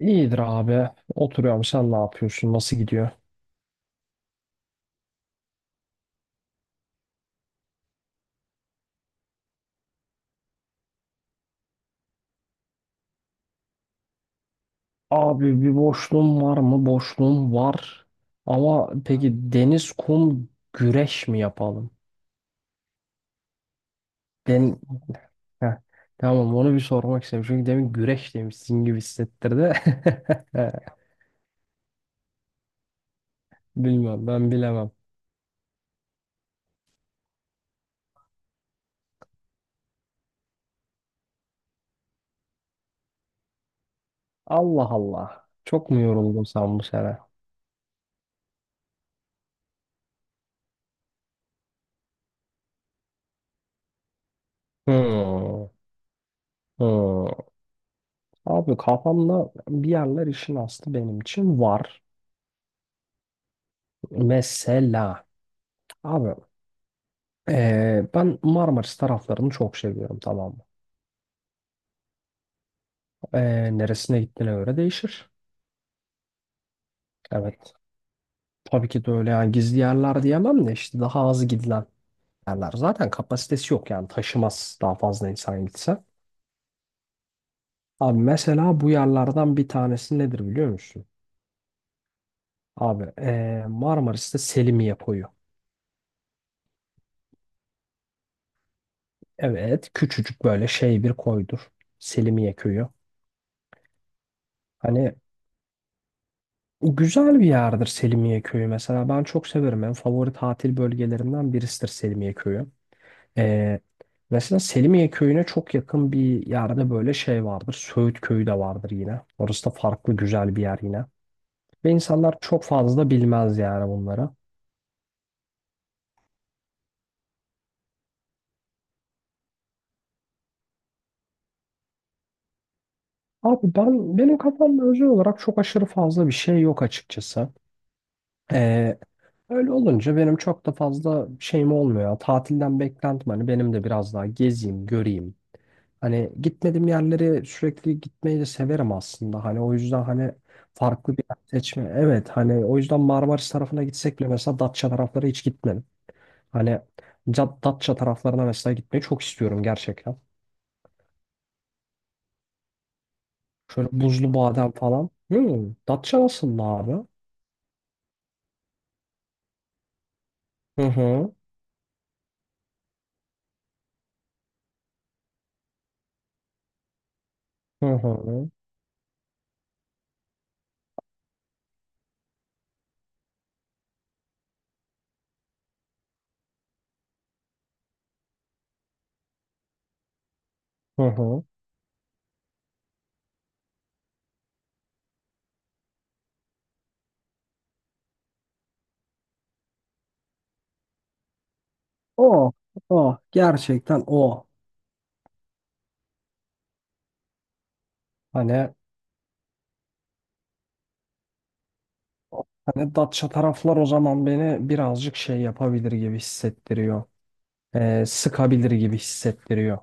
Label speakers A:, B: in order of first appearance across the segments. A: İyidir abi. Oturuyorum. Sen ne yapıyorsun? Nasıl gidiyor? Abi bir boşluğum var mı? Boşluğum var. Ama peki deniz, kum, güreş mi yapalım? Den Heh, tamam onu bir sormak istedim. Çünkü demin güreş demişsin gibi hissettirdi. Bilmem ben bilemem. Allah Allah. Çok mu yoruldun sen bu sene? Hmm, hmm. Abi kafamda bir yerler işin aslı benim için var. Mesela abi, ben Marmaris taraflarını çok seviyorum, tamam mı? Neresine gittiğine göre değişir. Evet. Tabii ki de öyle yani gizli yerler diyemem de işte daha az gidilen yerler. Zaten kapasitesi yok yani taşımaz daha fazla insan gitse. Abi mesela bu yerlerden bir tanesi nedir biliyor musun? Abi Marmaris'te Selimiye koyu. Evet küçücük böyle şey bir koydur. Selimiye köyü. Hani güzel bir yerdir Selimiye Köyü mesela. Ben çok severim. En favori tatil bölgelerimden birisidir Selimiye Köyü. Ee, mesela Selimiye Köyü'ne çok yakın bir yerde böyle şey vardır. Söğüt Köyü de vardır yine. Orası da farklı güzel bir yer yine. Ve insanlar çok fazla bilmez yani bunları. Abi ben benim kafamda özel olarak çok aşırı fazla bir şey yok açıkçası. Ee, öyle olunca benim çok da fazla şeyim olmuyor. Tatilden beklentim hani benim de biraz daha gezeyim, göreyim. Hani gitmediğim yerlere sürekli gitmeyi de severim aslında. Hani o yüzden hani farklı bir yer seçme. Evet hani o yüzden Marmaris tarafına gitsek bile mesela Datça tarafları hiç gitmedim. Hani Datça taraflarına mesela gitmeyi çok istiyorum gerçekten. Şöyle buzlu badem falan. Hmm, Datça nasıl abi? Hı hı. Hı hı. Hı hı. O. O. Gerçekten o. Hani Datça taraflar o zaman beni birazcık şey yapabilir gibi hissettiriyor. Sıkabilir gibi hissettiriyor.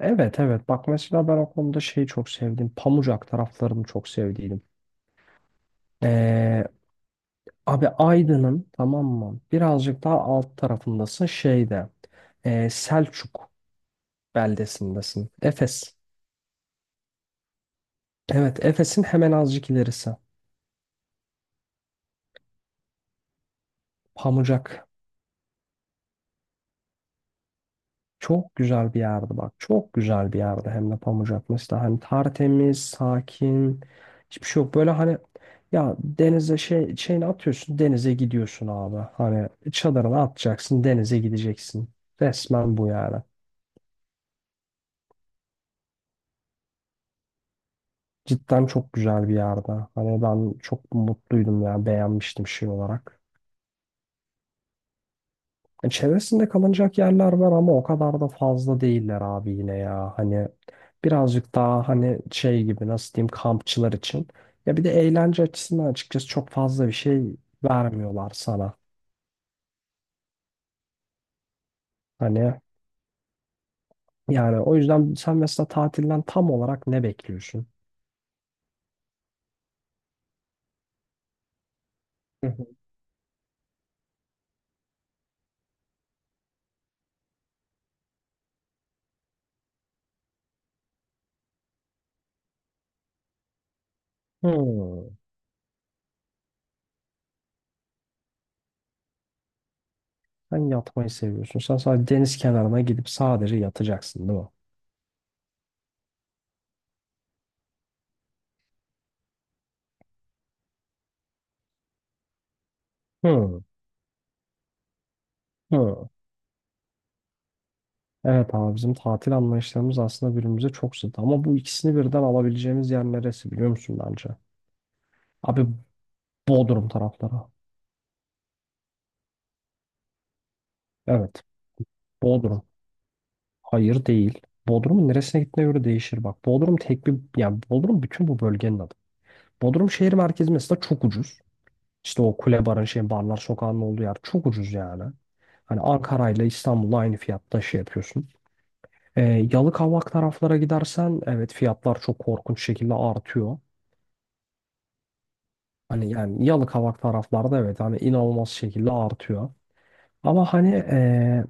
A: Evet evet bak mesela ben o konuda şeyi çok sevdim. Pamucak taraflarını çok sevdiydim. Ee, abi Aydın'ın, tamam mı? Birazcık daha alt tarafındasın şeyde. Selçuk beldesindesin. Efes. Evet, Efes'in hemen azıcık ilerisi. Pamucak. Çok güzel bir yerdi bak. Çok güzel bir yerdi hem de Pamucak. Mesela hani tertemiz, sakin. Hiçbir şey yok. Böyle hani ya denize şey şeyini atıyorsun, denize gidiyorsun abi. Hani çadırını atacaksın, denize gideceksin. Resmen bu yani. Cidden çok güzel bir yerde. Hani ben çok mutluydum ya, beğenmiştim şey olarak. Çevresinde kalınacak yerler var ama o kadar da fazla değiller abi yine ya. Hani birazcık daha hani şey gibi nasıl diyeyim kampçılar için. Ya bir de eğlence açısından açıkçası çok fazla bir şey vermiyorlar sana. Hani yani o yüzden sen mesela tatilden tam olarak ne bekliyorsun? Hı hı. Hmm. Sen yatmayı seviyorsun. Sen sadece deniz kenarına gidip sadece yatacaksın değil mi? Hmm. Hmm. Evet abi bizim tatil anlayışlarımız aslında birbirimize çok zıt ama bu ikisini birden alabileceğimiz yer neresi biliyor musun bence? Abi Bodrum tarafları. Evet Bodrum. Hayır değil. Bodrum'un neresine gittiğine göre değişir bak. Bodrum tek bir yani Bodrum bütün bu bölgenin adı. Bodrum şehir merkezi mesela çok ucuz. İşte o kule barın şey barlar sokağının olduğu yer çok ucuz yani. Hani Ankara ile İstanbul'la aynı fiyatta şey yapıyorsun. Ee, Yalıkavak taraflara gidersen evet fiyatlar çok korkunç şekilde artıyor. Hani yani Yalıkavak taraflarda evet hani inanılmaz şekilde artıyor. Ama hani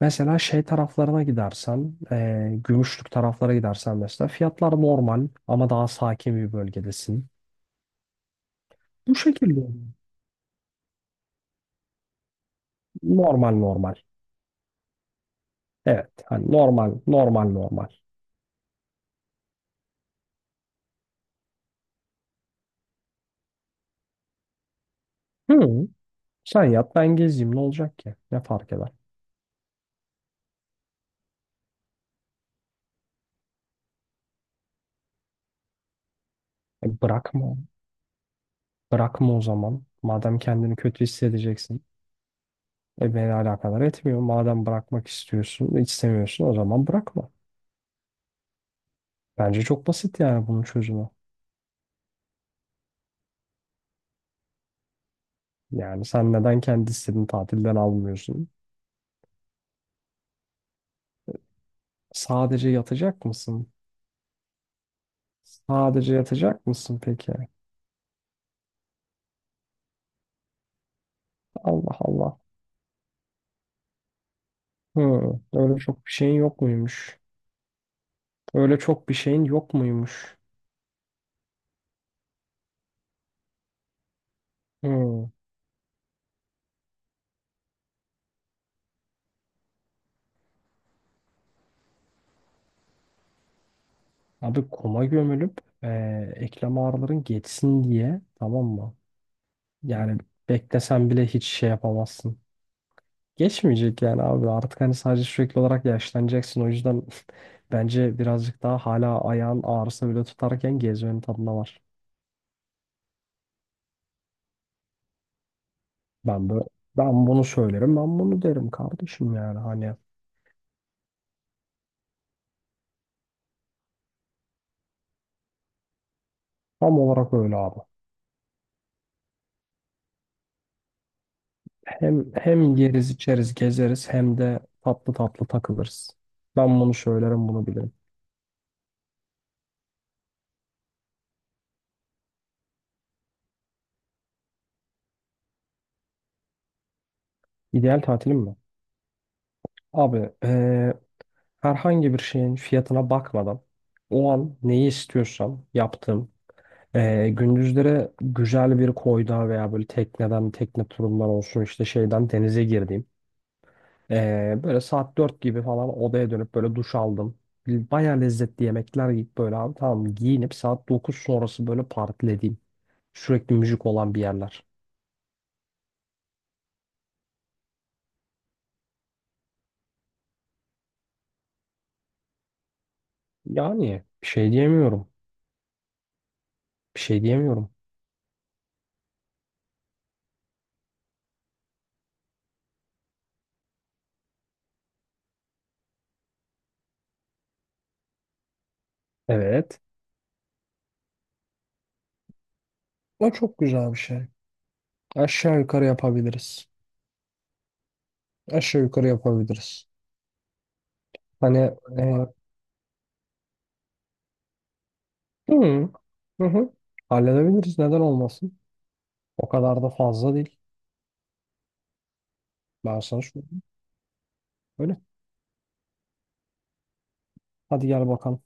A: mesela şey taraflarına gidersen, Gümüşlük taraflara gidersen mesela fiyatlar normal ama daha sakin bir bölgedesin. Bu şekilde oluyor. Normal normal. Evet hani normal normal normal. Hı, sen yat ben gezeyim ne olacak ki? Ne fark eder? Bırakma. Bırakma o zaman. Madem kendini kötü hissedeceksin. E beni alakadar etmiyor. Madem bırakmak istiyorsun, istemiyorsun o zaman bırakma. Bence çok basit yani bunun çözümü. Yani sen neden kendi istediğin tatilden almıyorsun? Sadece yatacak mısın? Sadece yatacak mısın peki? Allah Allah. Hı, öyle çok bir şeyin yok muymuş? Öyle çok bir şeyin yok muymuş? Hı. Abi kuma gömülüp eklem ağrıların geçsin diye, tamam mı? Yani beklesen bile hiç şey yapamazsın. Geçmeyecek yani abi artık hani sadece sürekli olarak yaşlanacaksın o yüzden bence birazcık daha hala ayağın ağrısı bile tutarken gezmenin tadına var. Ben böyle ben bunu söylerim ben bunu derim kardeşim yani hani tam olarak öyle abi. Hem yeriz içeriz gezeriz hem de tatlı tatlı takılırız. Ben bunu söylerim bunu bilirim. İdeal tatilim mi? Abi herhangi bir şeyin fiyatına bakmadan o an neyi istiyorsam yaptığım. Gündüzlere güzel bir koyda veya böyle tekneden, tekne turundan olsun işte şeyden denize girdiğim. Böyle saat 4 gibi falan odaya dönüp böyle duş aldım. Baya lezzetli yemekler yiyip böyle abi tamam giyinip saat 9 sonrası böyle partilediğim. Sürekli müzik olan bir yerler. Yani bir şey diyemiyorum. Bir şey diyemiyorum. Evet. O çok güzel bir şey. Aşağı yukarı yapabiliriz. Aşağı yukarı yapabiliriz. Hani e, hı, hı hı. Halledebiliriz, neden olmasın? O kadar da fazla değil. Ben sana söyleyeyim. Öyle. Hadi gel bakalım.